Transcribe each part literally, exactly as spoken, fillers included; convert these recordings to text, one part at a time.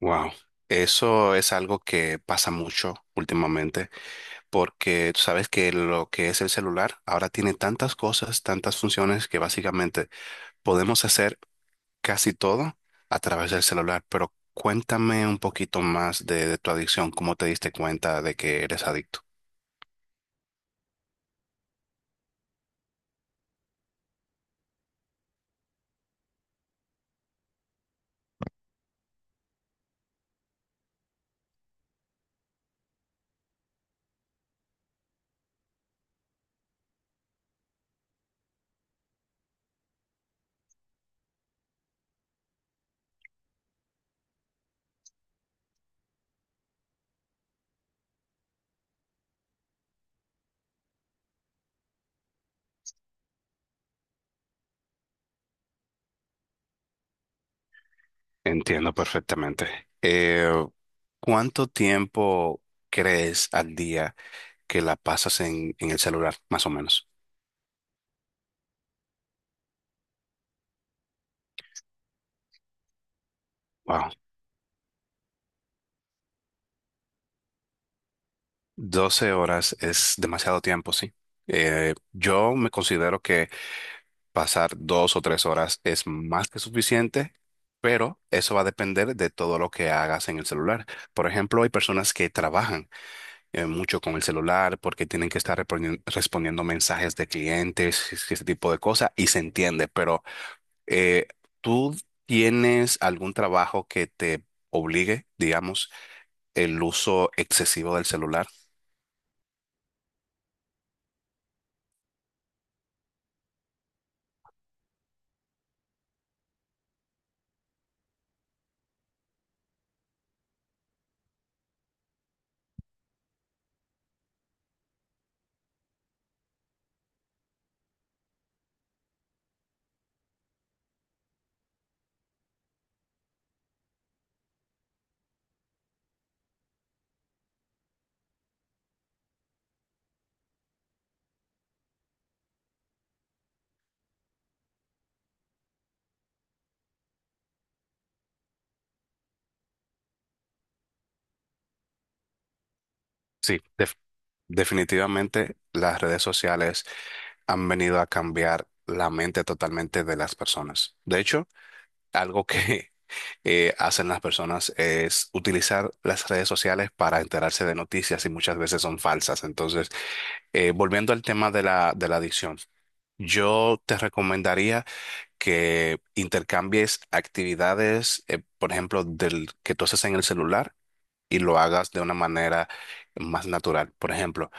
Wow, eso es algo que pasa mucho últimamente, porque tú sabes que lo que es el celular ahora tiene tantas cosas, tantas funciones que básicamente podemos hacer casi todo a través del celular. Pero cuéntame un poquito más de, de tu adicción, cómo te diste cuenta de que eres adicto. Entiendo perfectamente. Eh, ¿cuánto tiempo crees al día que la pasas en, en el celular, más o menos? Wow. Doce horas es demasiado tiempo, sí. Eh, yo me considero que pasar dos o tres horas es más que suficiente, pero eso va a depender de todo lo que hagas en el celular. Por ejemplo, hay personas que trabajan eh, mucho con el celular porque tienen que estar repondi- respondiendo mensajes de clientes, es- ese tipo de cosas, y se entiende, pero eh, ¿tú tienes algún trabajo que te obligue, digamos, el uso excesivo del celular? Sí, def- definitivamente las redes sociales han venido a cambiar la mente totalmente de las personas. De hecho, algo que eh, hacen las personas es utilizar las redes sociales para enterarse de noticias y muchas veces son falsas. Entonces, eh, volviendo al tema de la, de la adicción, yo te recomendaría que intercambies actividades, eh, por ejemplo, del que tú haces en el celular y lo hagas de una manera más natural. Por ejemplo,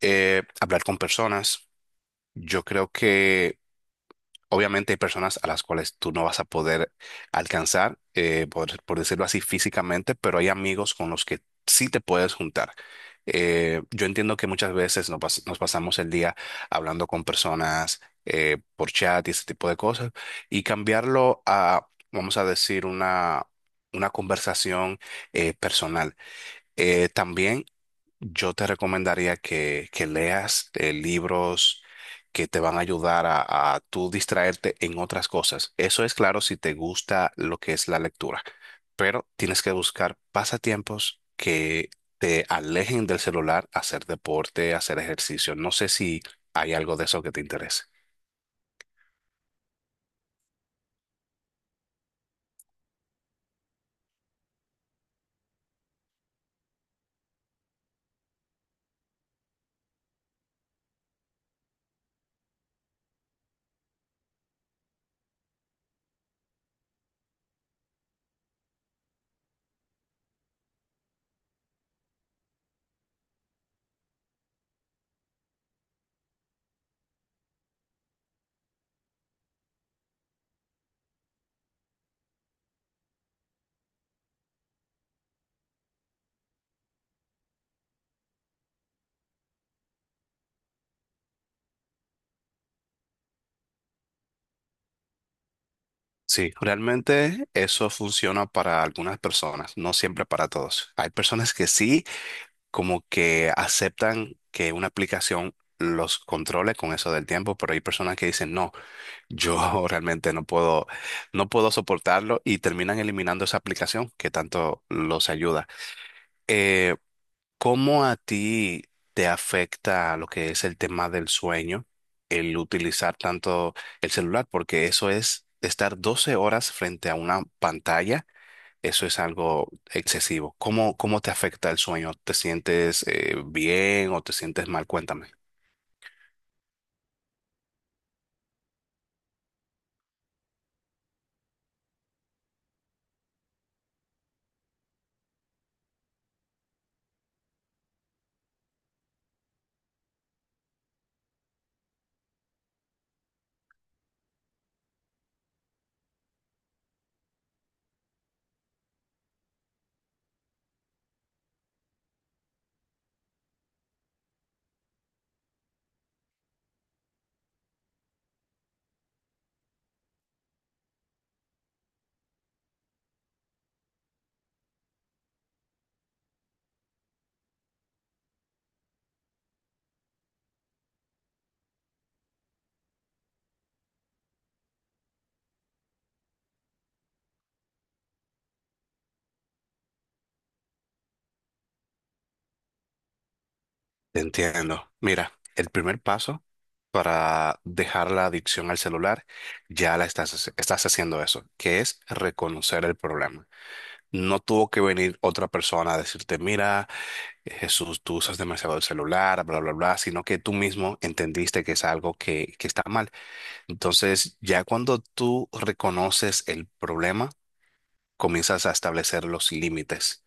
eh, hablar con personas. Yo creo que obviamente hay personas a las cuales tú no vas a poder alcanzar, eh, por, por decirlo así, físicamente, pero hay amigos con los que sí te puedes juntar. Eh, yo entiendo que muchas veces nos, pas- nos pasamos el día hablando con personas eh, por chat y ese tipo de cosas, y cambiarlo a, vamos a decir, una, una conversación eh, personal. Eh, también yo te recomendaría que, que leas eh, libros que te van a ayudar a, a tú distraerte en otras cosas. Eso es claro si te gusta lo que es la lectura, pero tienes que buscar pasatiempos que te alejen del celular, hacer deporte, hacer ejercicio. No sé si hay algo de eso que te interese. Sí, realmente eso funciona para algunas personas, no siempre para todos. Hay personas que sí como que aceptan que una aplicación los controle con eso del tiempo, pero hay personas que dicen, no, yo realmente no puedo, no puedo soportarlo y terminan eliminando esa aplicación que tanto los ayuda. Eh, ¿Cómo a ti te afecta lo que es el tema del sueño, el utilizar tanto el celular? Porque eso es estar doce horas frente a una pantalla. Eso es algo excesivo. ¿Cómo, cómo te afecta el sueño? ¿Te sientes eh, bien o te sientes mal? Cuéntame. Te entiendo. Mira, el primer paso para dejar la adicción al celular, ya la estás, hace- estás haciendo eso, que es reconocer el problema. No tuvo que venir otra persona a decirte, mira, Jesús, tú usas demasiado el celular, bla, bla, bla, sino que tú mismo entendiste que es algo que, que está mal. Entonces, ya cuando tú reconoces el problema, comienzas a establecer los límites.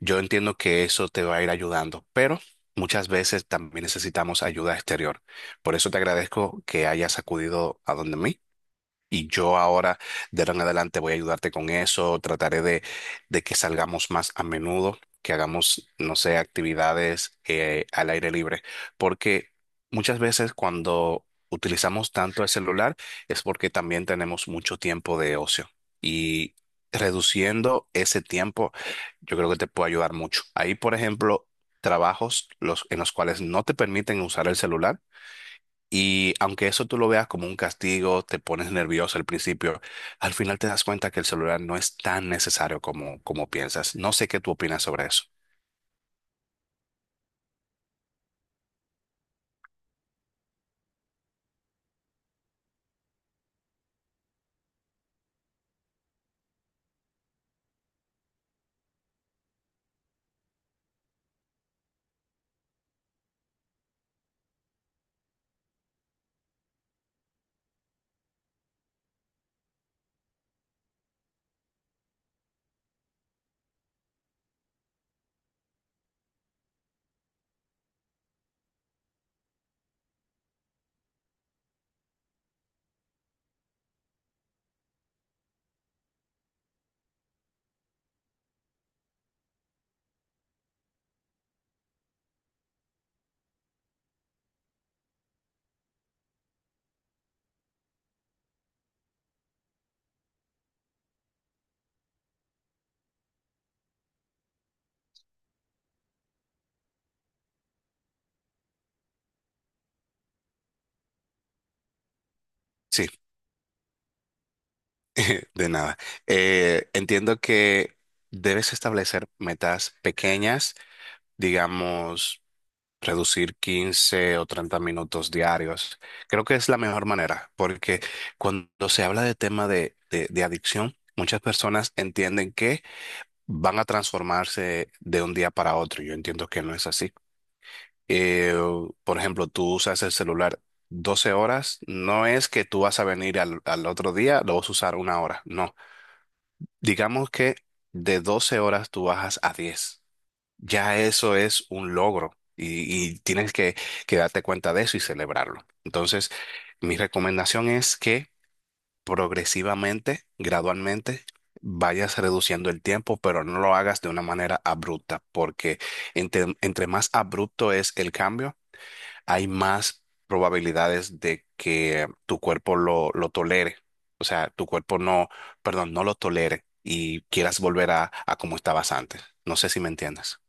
Yo entiendo que eso te va a ir ayudando, pero muchas veces también necesitamos ayuda exterior. Por eso te agradezco que hayas acudido a donde mí y yo ahora, de ahora en adelante, voy a ayudarte con eso. Trataré de, de que salgamos más a menudo, que hagamos, no sé, actividades eh, al aire libre. Porque muchas veces cuando utilizamos tanto el celular es porque también tenemos mucho tiempo de ocio. Y reduciendo ese tiempo, yo creo que te puede ayudar mucho. Ahí, por ejemplo, trabajos los, en los cuales no te permiten usar el celular y aunque eso tú lo veas como un castigo, te pones nervioso al principio, al final te das cuenta que el celular no es tan necesario como, como piensas. No sé qué tú opinas sobre eso. Sí, de nada. Eh, entiendo que debes establecer metas pequeñas, digamos, reducir quince o treinta minutos diarios. Creo que es la mejor manera, porque cuando se habla de tema de, de de adicción, muchas personas entienden que van a transformarse de un día para otro. Yo entiendo que no es así. Eh, por ejemplo, tú usas el celular doce horas, no es que tú vas a venir al, al otro día, lo vas a usar una hora, no. Digamos que de doce horas tú bajas a diez, ya eso es un logro y, y tienes que, que darte cuenta de eso y celebrarlo. Entonces, mi recomendación es que progresivamente, gradualmente, vayas reduciendo el tiempo, pero no lo hagas de una manera abrupta, porque entre, entre más abrupto es el cambio, hay más probabilidades de que tu cuerpo lo, lo tolere. O sea, tu cuerpo no, perdón, no lo tolere y quieras volver a, a como estabas antes. No sé si me entiendes.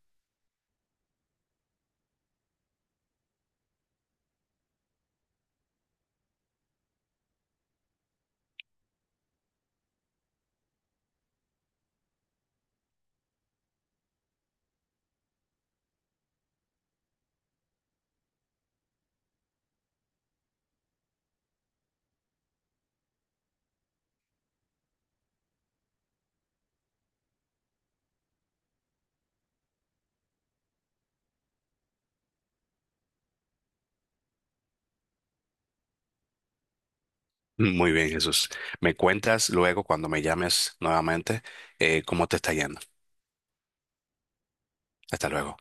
Muy bien, Jesús. Me cuentas luego cuando me llames nuevamente eh, cómo te está yendo. Hasta luego.